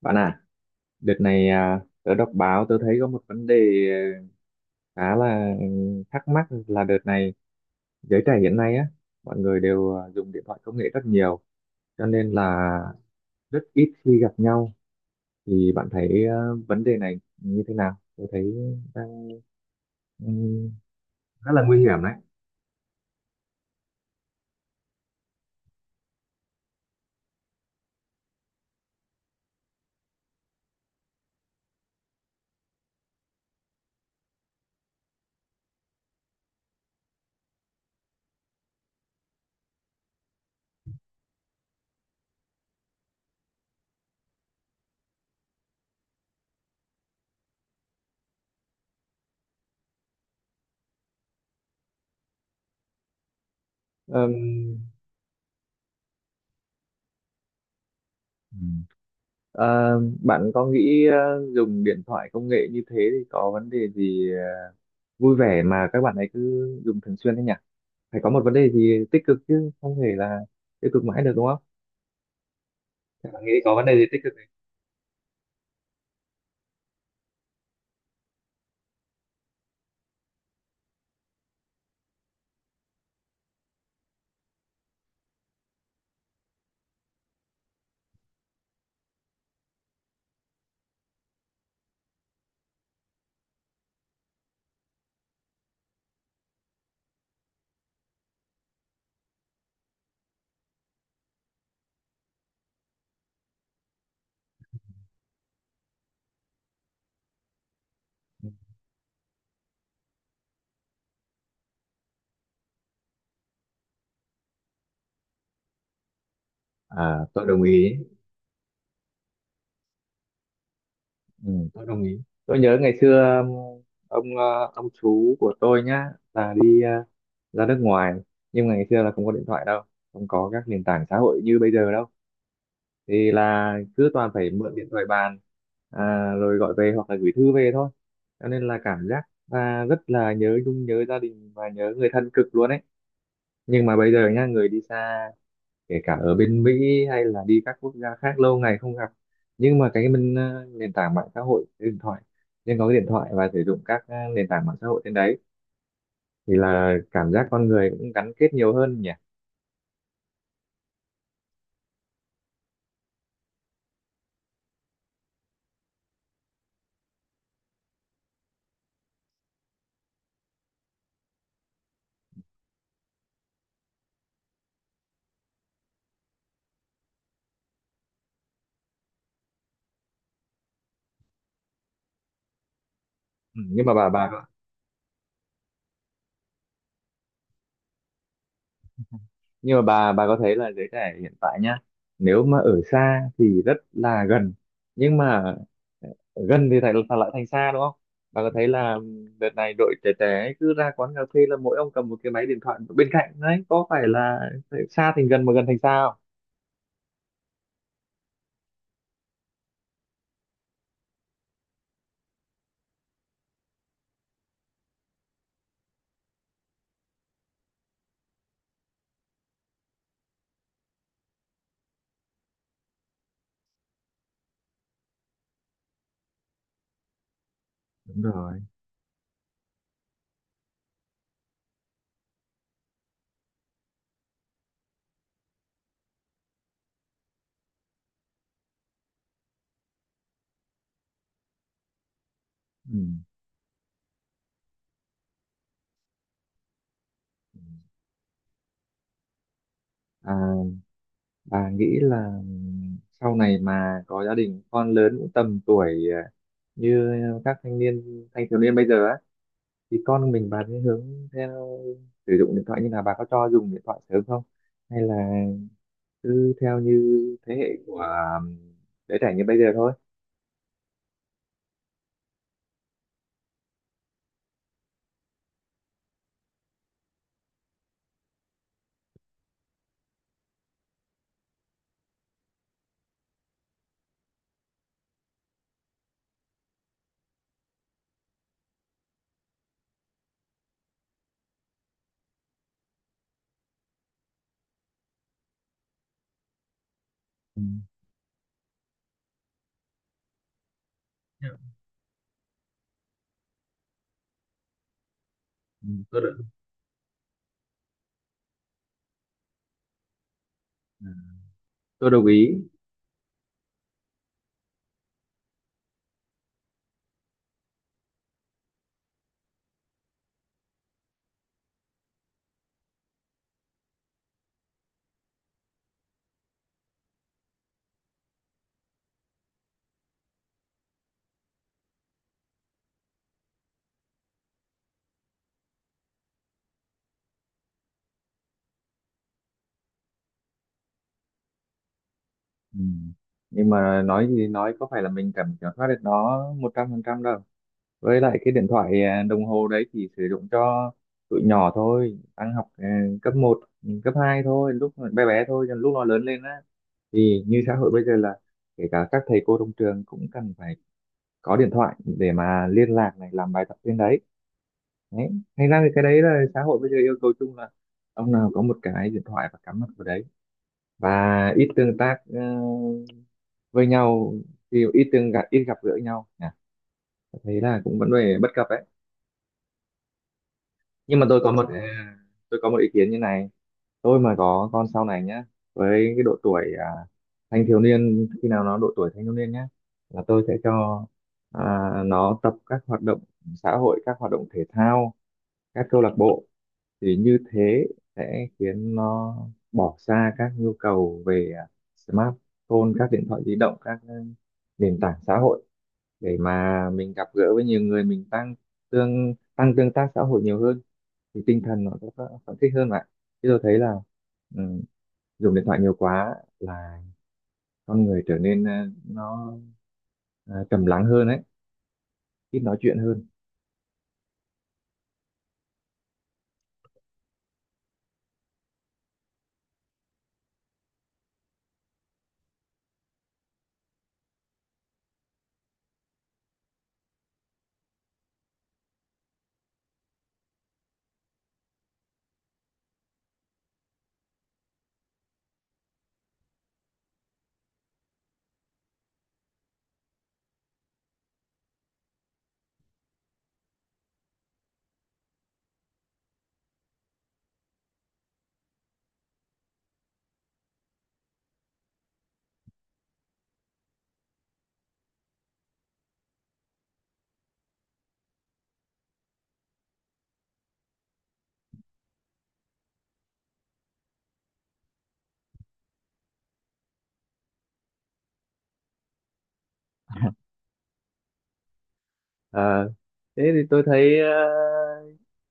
Bạn à, đợt này tớ đọc báo tớ thấy có một vấn đề à, khá là thắc mắc là đợt này giới trẻ hiện nay á, mọi người đều dùng điện thoại công nghệ rất nhiều, cho nên là rất ít khi gặp nhau. Thì bạn thấy à, vấn đề này như thế nào? Tôi thấy đang ừ, rất là nguy hiểm đấy. Ờm, ừ. Bạn có nghĩ dùng điện thoại công nghệ như thế thì có vấn đề gì vui vẻ mà các bạn ấy cứ dùng thường xuyên thế nhỉ? Phải có một vấn đề gì tích cực chứ không thể là tiêu cực mãi được đúng không? Thế bạn nghĩ có vấn đề gì tích cực này? À, tôi đồng ý. Ừ, tôi đồng ý. Tôi nhớ ngày xưa ông ông chú của tôi nhá là đi ra nước ngoài, nhưng mà ngày xưa là không có điện thoại đâu, không có các nền tảng xã hội như bây giờ đâu, thì là cứ toàn phải mượn điện thoại bàn, rồi gọi về hoặc là gửi thư về thôi. Cho nên là cảm giác là rất là nhớ nhung, nhớ gia đình và nhớ người thân cực luôn ấy. Nhưng mà bây giờ nhá, người đi xa, kể cả ở bên Mỹ hay là đi các quốc gia khác lâu ngày không gặp, nhưng mà cái mình nền tảng mạng xã hội cái điện thoại, nhưng có cái điện thoại và sử dụng các nền tảng mạng xã hội trên đấy, thì là cảm giác con người cũng gắn kết nhiều hơn nhỉ. Ừ, nhưng mà bà có thấy là giới trẻ hiện tại nhá, nếu mà ở xa thì rất là gần, nhưng mà ờ, gần thì lại lại thành xa đúng không? Bà có thấy là đợt này đội trẻ trẻ ấy cứ ra quán cà phê là mỗi ông cầm một cái máy điện thoại bên cạnh đấy, có phải là xa thành gần mà gần thành xa không? Đúng rồi. Ừ. à, bà nghĩ là sau này mà có gia đình con lớn cũng tầm tuổi à, như các thanh niên, thanh thiếu niên bây giờ á, thì con mình bà sẽ hướng theo sử dụng điện thoại như là bà có cho dùng điện thoại sớm không, hay là cứ theo như thế hệ của đứa trẻ như bây giờ thôi? Ừ. Dạ. Ừ, tôi được. À, tôi đồng ý. Ừ. Nhưng mà nói gì nói, có phải là mình cảm kiểm soát được nó một trăm phần trăm đâu, với lại cái điện thoại à, đồng hồ đấy chỉ sử dụng cho tụi nhỏ thôi, đang học à, cấp một, cấp 2 thôi, lúc bé bé thôi. Còn lúc nó lớn lên á, thì như xã hội bây giờ là kể cả các thầy cô trong trường cũng cần phải có điện thoại để mà liên lạc này, làm bài tập trên đấy. Đấy, thành ra thì cái đấy là xã hội bây giờ yêu cầu chung là ông nào có một cái điện thoại và cắm mặt vào đấy, và ít tương tác với nhau thì ít tương gặp, ít gặp gỡ nhau nhỉ. Tôi thấy là cũng vẫn về bất cập đấy. Nhưng mà tôi có một tôi có một ý kiến như này. Tôi mà có con sau này nhá, với cái độ tuổi à, thanh thiếu niên, khi nào nó độ tuổi thanh thiếu niên nhá, là tôi sẽ cho à, nó tập các hoạt động xã hội, các hoạt động thể thao, các câu lạc bộ. Thì như thế sẽ khiến nó bỏ xa các nhu cầu về smartphone, các điện thoại di động, các nền tảng xã hội, để mà mình gặp gỡ với nhiều người, mình tăng tăng tương tác xã hội nhiều hơn, thì tinh thần nó sẽ phấn khích hơn mà. Chứ tôi thấy là ừ, dùng điện thoại nhiều quá là con người trở nên nó trầm lắng hơn ấy, ít nói chuyện hơn. Ờ, thế thì tôi thấy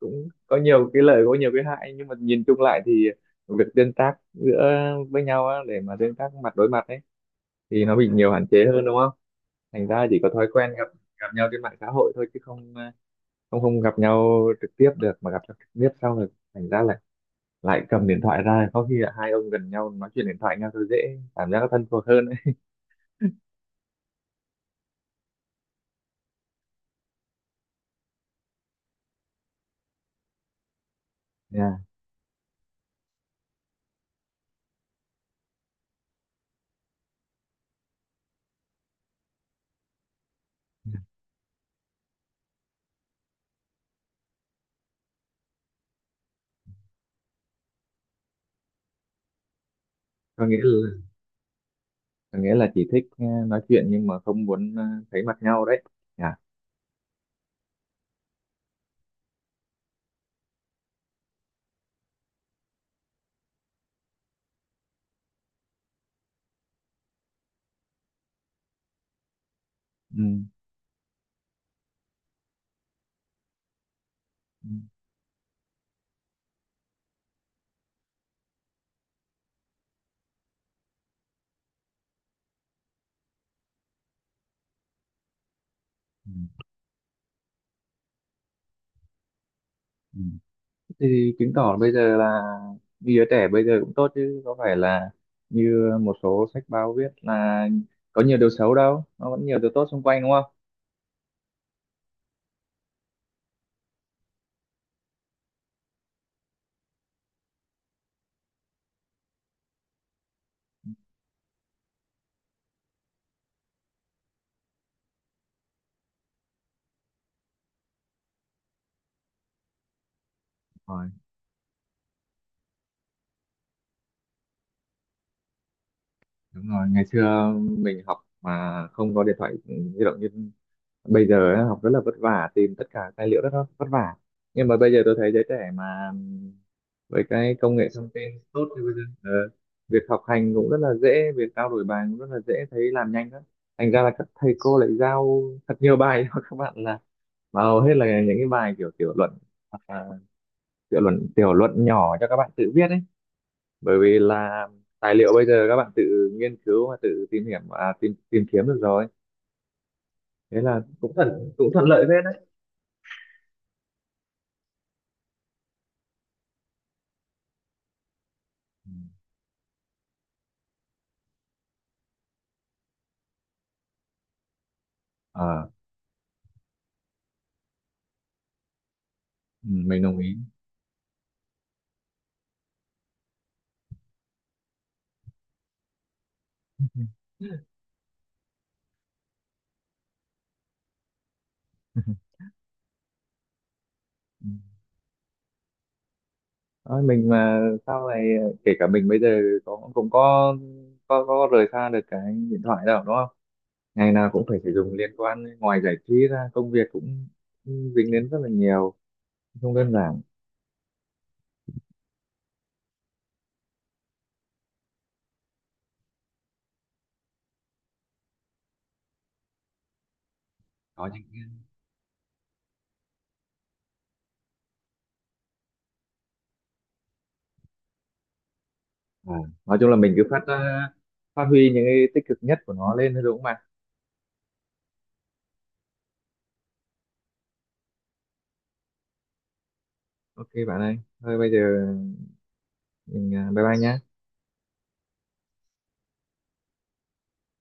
cũng có nhiều cái lợi, có nhiều cái hại, nhưng mà nhìn chung lại thì việc tương tác giữa với nhau á, để mà tương tác mặt đối mặt ấy, thì nó bị nhiều hạn chế hơn đúng không? Thành ra chỉ có thói quen gặp gặp nhau trên mạng xã hội thôi chứ không không không gặp nhau trực tiếp được, mà gặp nhau trực tiếp sau rồi, thành ra là lại cầm điện thoại ra, có khi là hai ông gần nhau nói chuyện điện thoại nhau thôi, dễ cảm giác nó thân thuộc hơn. Yeah. Có nghĩa là có nghĩa là chỉ thích nói chuyện nhưng mà không muốn thấy mặt nhau đấy. Yeah. Ừ. Ừ. Ừ. Ừ. Thì chứng tỏ bây giờ là như đứa trẻ bây giờ cũng tốt, chứ có phải là như một số sách báo viết là có nhiều điều xấu đâu, nó vẫn nhiều điều tốt xung quanh đúng không? Rồi, đúng rồi, ngày xưa mình học mà không có điện thoại di động như bây giờ á, học rất là vất vả, tìm tất cả tài liệu rất là vất vả. Nhưng mà bây giờ tôi thấy giới trẻ mà với cái công nghệ thông tin tốt thì bây giờ ờ, việc học hành cũng rất là dễ, việc trao đổi bài cũng rất là dễ, thấy làm nhanh lắm. Thành ra là các thầy cô lại giao thật nhiều bài cho các bạn là, mà hầu hết là những cái bài kiểu tiểu luận, hoặc là tiểu luận nhỏ cho các bạn tự viết ấy, bởi vì là tài liệu bây giờ các bạn tự nghiên cứu và tự tìm hiểu à, tìm tìm kiếm được rồi, thế là cũng cũng thuận lợi phết đấy. Ừ. Ờ. Ừ, mình đồng ý. Thôi mình mà sau này ờ, kể cả mình bây giờ có cũng có có rời xa được cái điện thoại đâu đúng không, ngày nào cũng phải sử dụng, liên quan ngoài giải trí ra, công việc cũng dính đến rất là nhiều, không đơn giản. Có những cái- à, nói chung là mình cứ phát phát huy những cái tích cực nhất của nó lên thôi đúng không bạn? Ok bạn ơi, thôi bây giờ mình ờ, bye bye nhá.